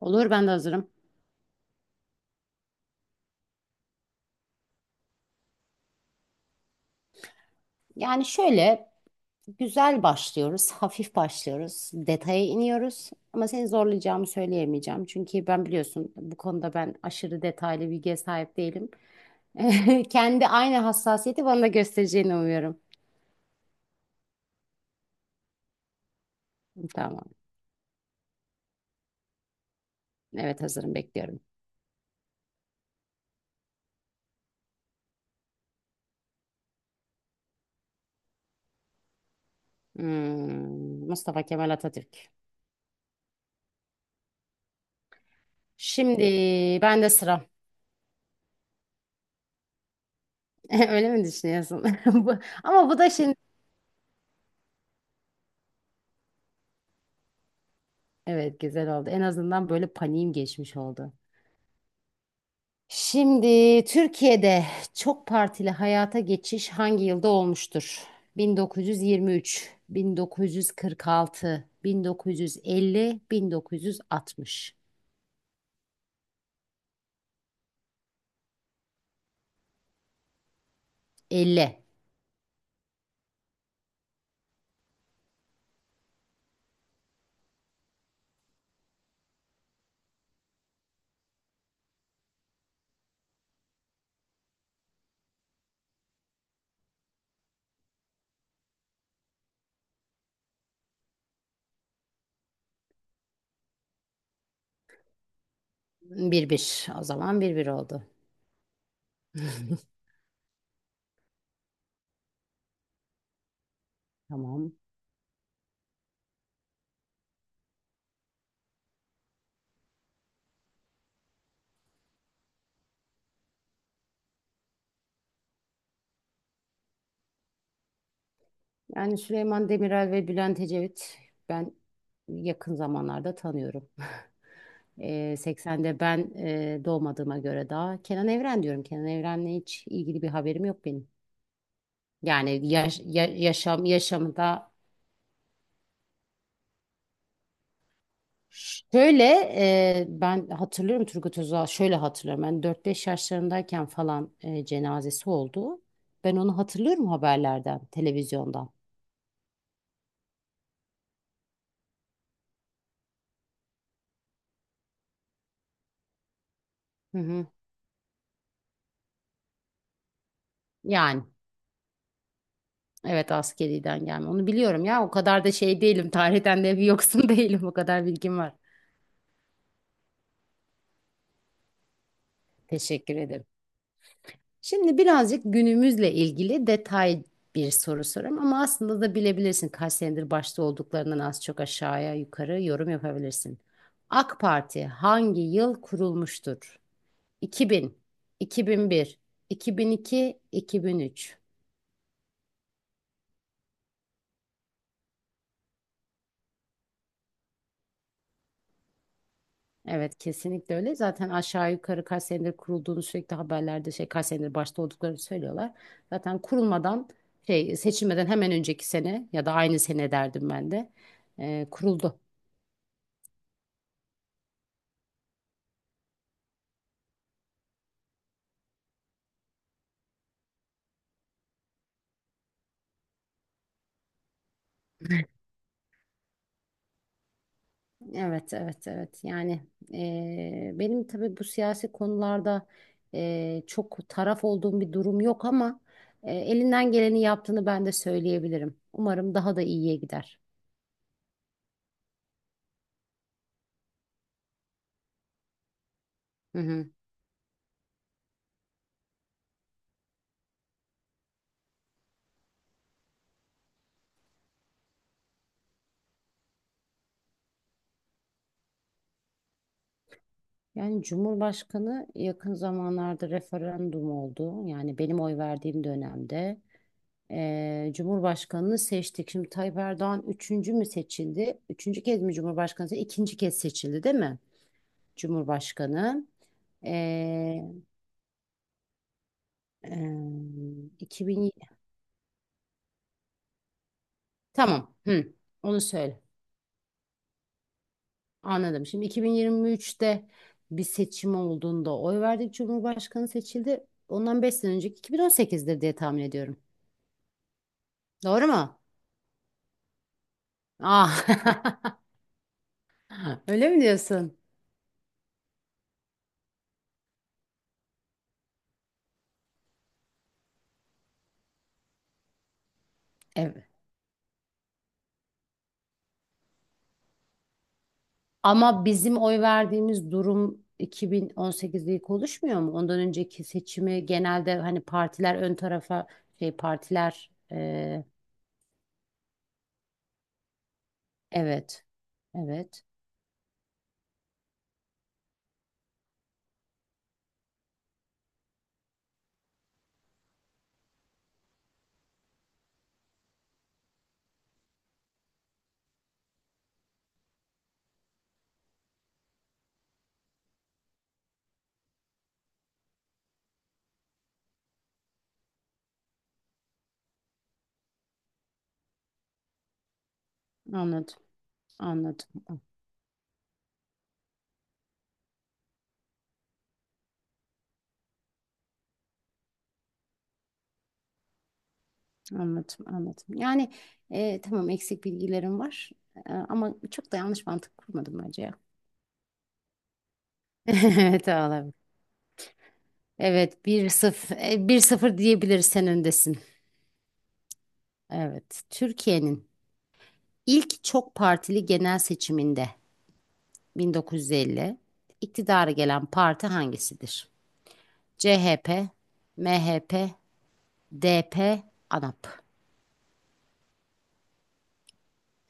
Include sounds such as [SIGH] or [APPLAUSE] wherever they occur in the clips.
Olur ben de hazırım. Yani şöyle, güzel başlıyoruz, [LAUGHS] hafif başlıyoruz, detaya iniyoruz. Ama seni zorlayacağımı söyleyemeyeceğim. Çünkü ben biliyorsun bu konuda ben aşırı detaylı bilgiye sahip değilim. [LAUGHS] Kendi aynı hassasiyeti bana da göstereceğini umuyorum. Tamam. Evet hazırım bekliyorum. Mustafa Kemal Atatürk. Şimdi ben de sıra. [LAUGHS] Öyle mi düşünüyorsun? [LAUGHS] Bu- Ama bu da şimdi. Evet güzel oldu. En azından böyle paniğim geçmiş oldu. Şimdi Türkiye'de çok partili hayata geçiş hangi yılda olmuştur? 1923, 1946, 1950, 1960. 50. 1-1. O zaman 1-1 oldu. [LAUGHS] Tamam. Yani Süleyman Demirel ve Bülent Ecevit ben yakın zamanlarda tanıyorum. 80'de ben doğmadığıma göre daha Kenan Evren diyorum. Kenan Evren'le hiç ilgili bir haberim yok benim. Yani yaşam yaşamı da şöyle ben hatırlıyorum Turgut Özal şöyle hatırlıyorum ben dört beş yaşlarındayken falan cenazesi oldu. Ben onu hatırlıyorum haberlerden, televizyondan. Hı hı. Yani evet askeriden gelme onu biliyorum ya o kadar da şey değilim tarihten de bir yoksun [LAUGHS] değilim o kadar bilgim var. Teşekkür ederim. Şimdi birazcık günümüzle ilgili detay bir soru sorayım ama aslında da bilebilirsin kaç senedir başta olduklarından az çok aşağıya yukarı yorum yapabilirsin. AK Parti hangi yıl kurulmuştur? 2000, 2001, 2002, 2003. Evet kesinlikle öyle. Zaten aşağı yukarı kaç senedir kurulduğunu sürekli haberlerde şey kaç senedir başta olduklarını söylüyorlar. Zaten kurulmadan şey seçilmeden hemen önceki sene ya da aynı sene derdim ben de kuruldu. Evet, evet, evet. Yani benim tabii bu siyasi konularda çok taraf olduğum bir durum yok ama elinden geleni yaptığını ben de söyleyebilirim. Umarım daha da iyiye gider. Hı hı. Yani Cumhurbaşkanı yakın zamanlarda referandum oldu. Yani benim oy verdiğim dönemde Cumhurbaşkanını seçtik. Şimdi Tayyip Erdoğan üçüncü mü seçildi? Üçüncü kez mi Cumhurbaşkanı seçildi? İkinci kez seçildi, değil mi? Cumhurbaşkanı. 2000 tamam. Hı. Onu söyle. Anladım. Şimdi 2023'te bir seçim olduğunda oy verdik. Cumhurbaşkanı seçildi. Ondan 5 sene önceki 2018'dir diye tahmin ediyorum. Doğru mu? Ah. [LAUGHS] Öyle mi diyorsun? Evet. Ama bizim oy verdiğimiz durum 2018'de ilk oluşmuyor mu? Ondan önceki seçimi genelde hani partiler ön tarafa şey partiler evet. Evet. Anladım. Anladım. Anladım, anladım. Yani tamam eksik bilgilerim var. Ama çok da yanlış mantık kurmadım bence ya. [LAUGHS] Evet abi. Evet bir sıfır bir sıfır 0 diyebiliriz sen öndesin. Evet. Türkiye'nin ilk çok partili genel seçiminde 1950 iktidara gelen parti hangisidir? CHP, MHP, DP, ANAP.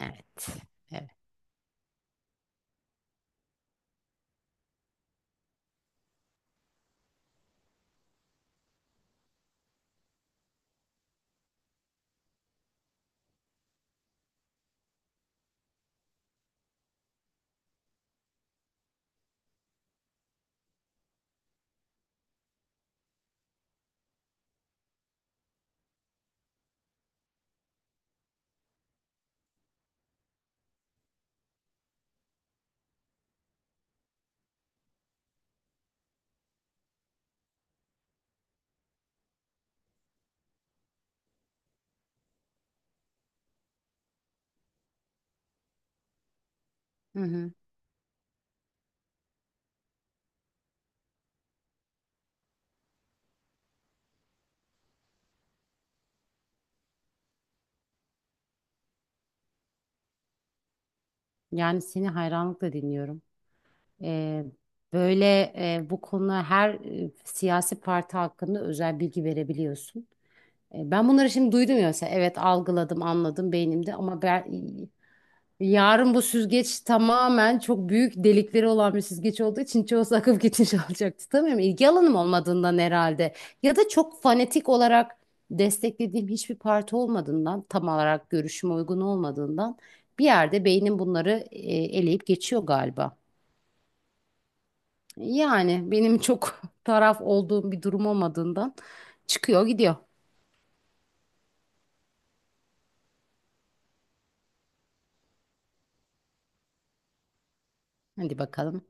Evet. Evet. Hı hı. Yani seni hayranlıkla dinliyorum. E, böyle bu konuda her siyasi parti hakkında özel bilgi verebiliyorsun. Ben bunları şimdi duydum ya mesela evet algıladım anladım beynimde ama ben yarın bu süzgeç tamamen çok büyük delikleri olan bir süzgeç olduğu için çoğu akıp gitmiş [LAUGHS] olacak. Tutamıyorum. İlgi alanım olmadığından herhalde ya da çok fanatik olarak desteklediğim hiçbir parti olmadığından tam olarak görüşüme uygun olmadığından bir yerde beynim bunları eleyip geçiyor galiba. Yani benim çok [LAUGHS] taraf olduğum bir durum olmadığından çıkıyor gidiyor. Hadi bakalım.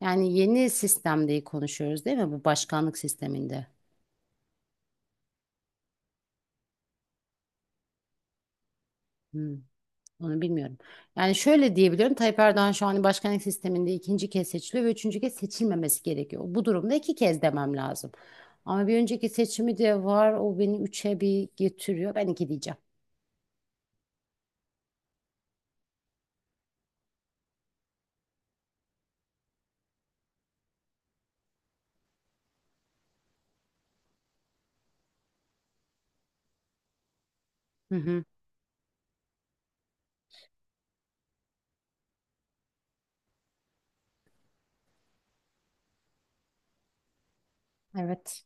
Yani yeni sistemde konuşuyoruz değil mi? Bu başkanlık sisteminde. Hmm, onu bilmiyorum. Yani şöyle diyebiliyorum. Tayyip Erdoğan şu an başkanlık sisteminde ikinci kez seçiliyor ve üçüncü kez seçilmemesi gerekiyor. Bu durumda iki kez demem lazım. Ama bir önceki seçimi de var. O beni üçe bir getiriyor. Ben iki diyeceğim. Hı hı, evet.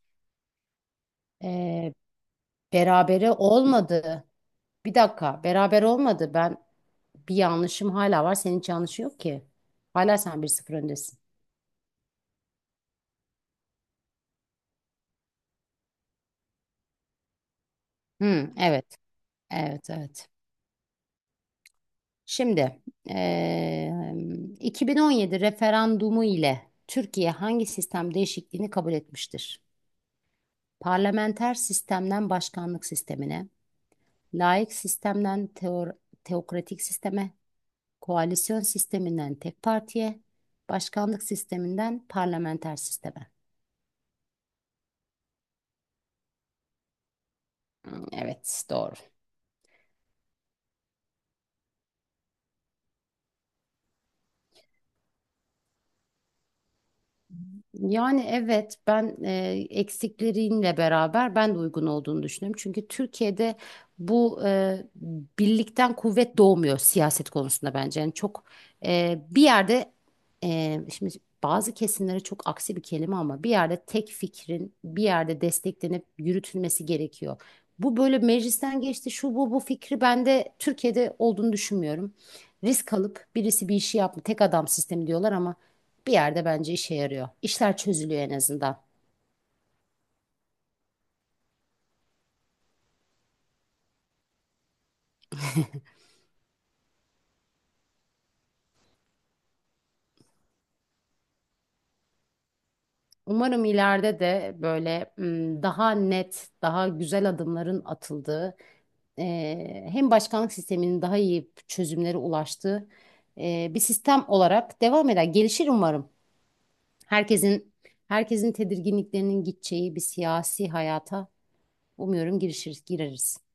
Ee, berabere olmadı. Bir dakika. Beraber olmadı. Bir yanlışım hala var. Senin hiç yanlışın yok ki. Hala sen bir sıfır öndesin. Hı, evet. Evet, evet. Şimdi 2017 referandumu ile Türkiye hangi sistem değişikliğini kabul etmiştir? Parlamenter sistemden başkanlık sistemine, laik sistemden teokratik sisteme, koalisyon sisteminden tek partiye, başkanlık sisteminden parlamenter sisteme. Hı, evet, doğru. Yani evet ben eksikleriyle beraber ben de uygun olduğunu düşünüyorum. Çünkü Türkiye'de bu birlikten kuvvet doğmuyor siyaset konusunda bence. Yani çok bir yerde şimdi bazı kesimlere çok aksi bir kelime ama bir yerde tek fikrin bir yerde desteklenip yürütülmesi gerekiyor. Bu böyle meclisten geçti şu bu fikri ben de Türkiye'de olduğunu düşünmüyorum. Risk alıp birisi bir işi yapma tek adam sistemi diyorlar ama bir yerde bence işe yarıyor. İşler çözülüyor en azından. Umarım ileride de böyle daha net, daha güzel adımların atıldığı, hem başkanlık sisteminin daha iyi çözümlere ulaştığı bir sistem olarak devam eder. Gelişir umarım. Herkesin herkesin tedirginliklerinin gideceği bir siyasi hayata umuyorum girişir, gireriz.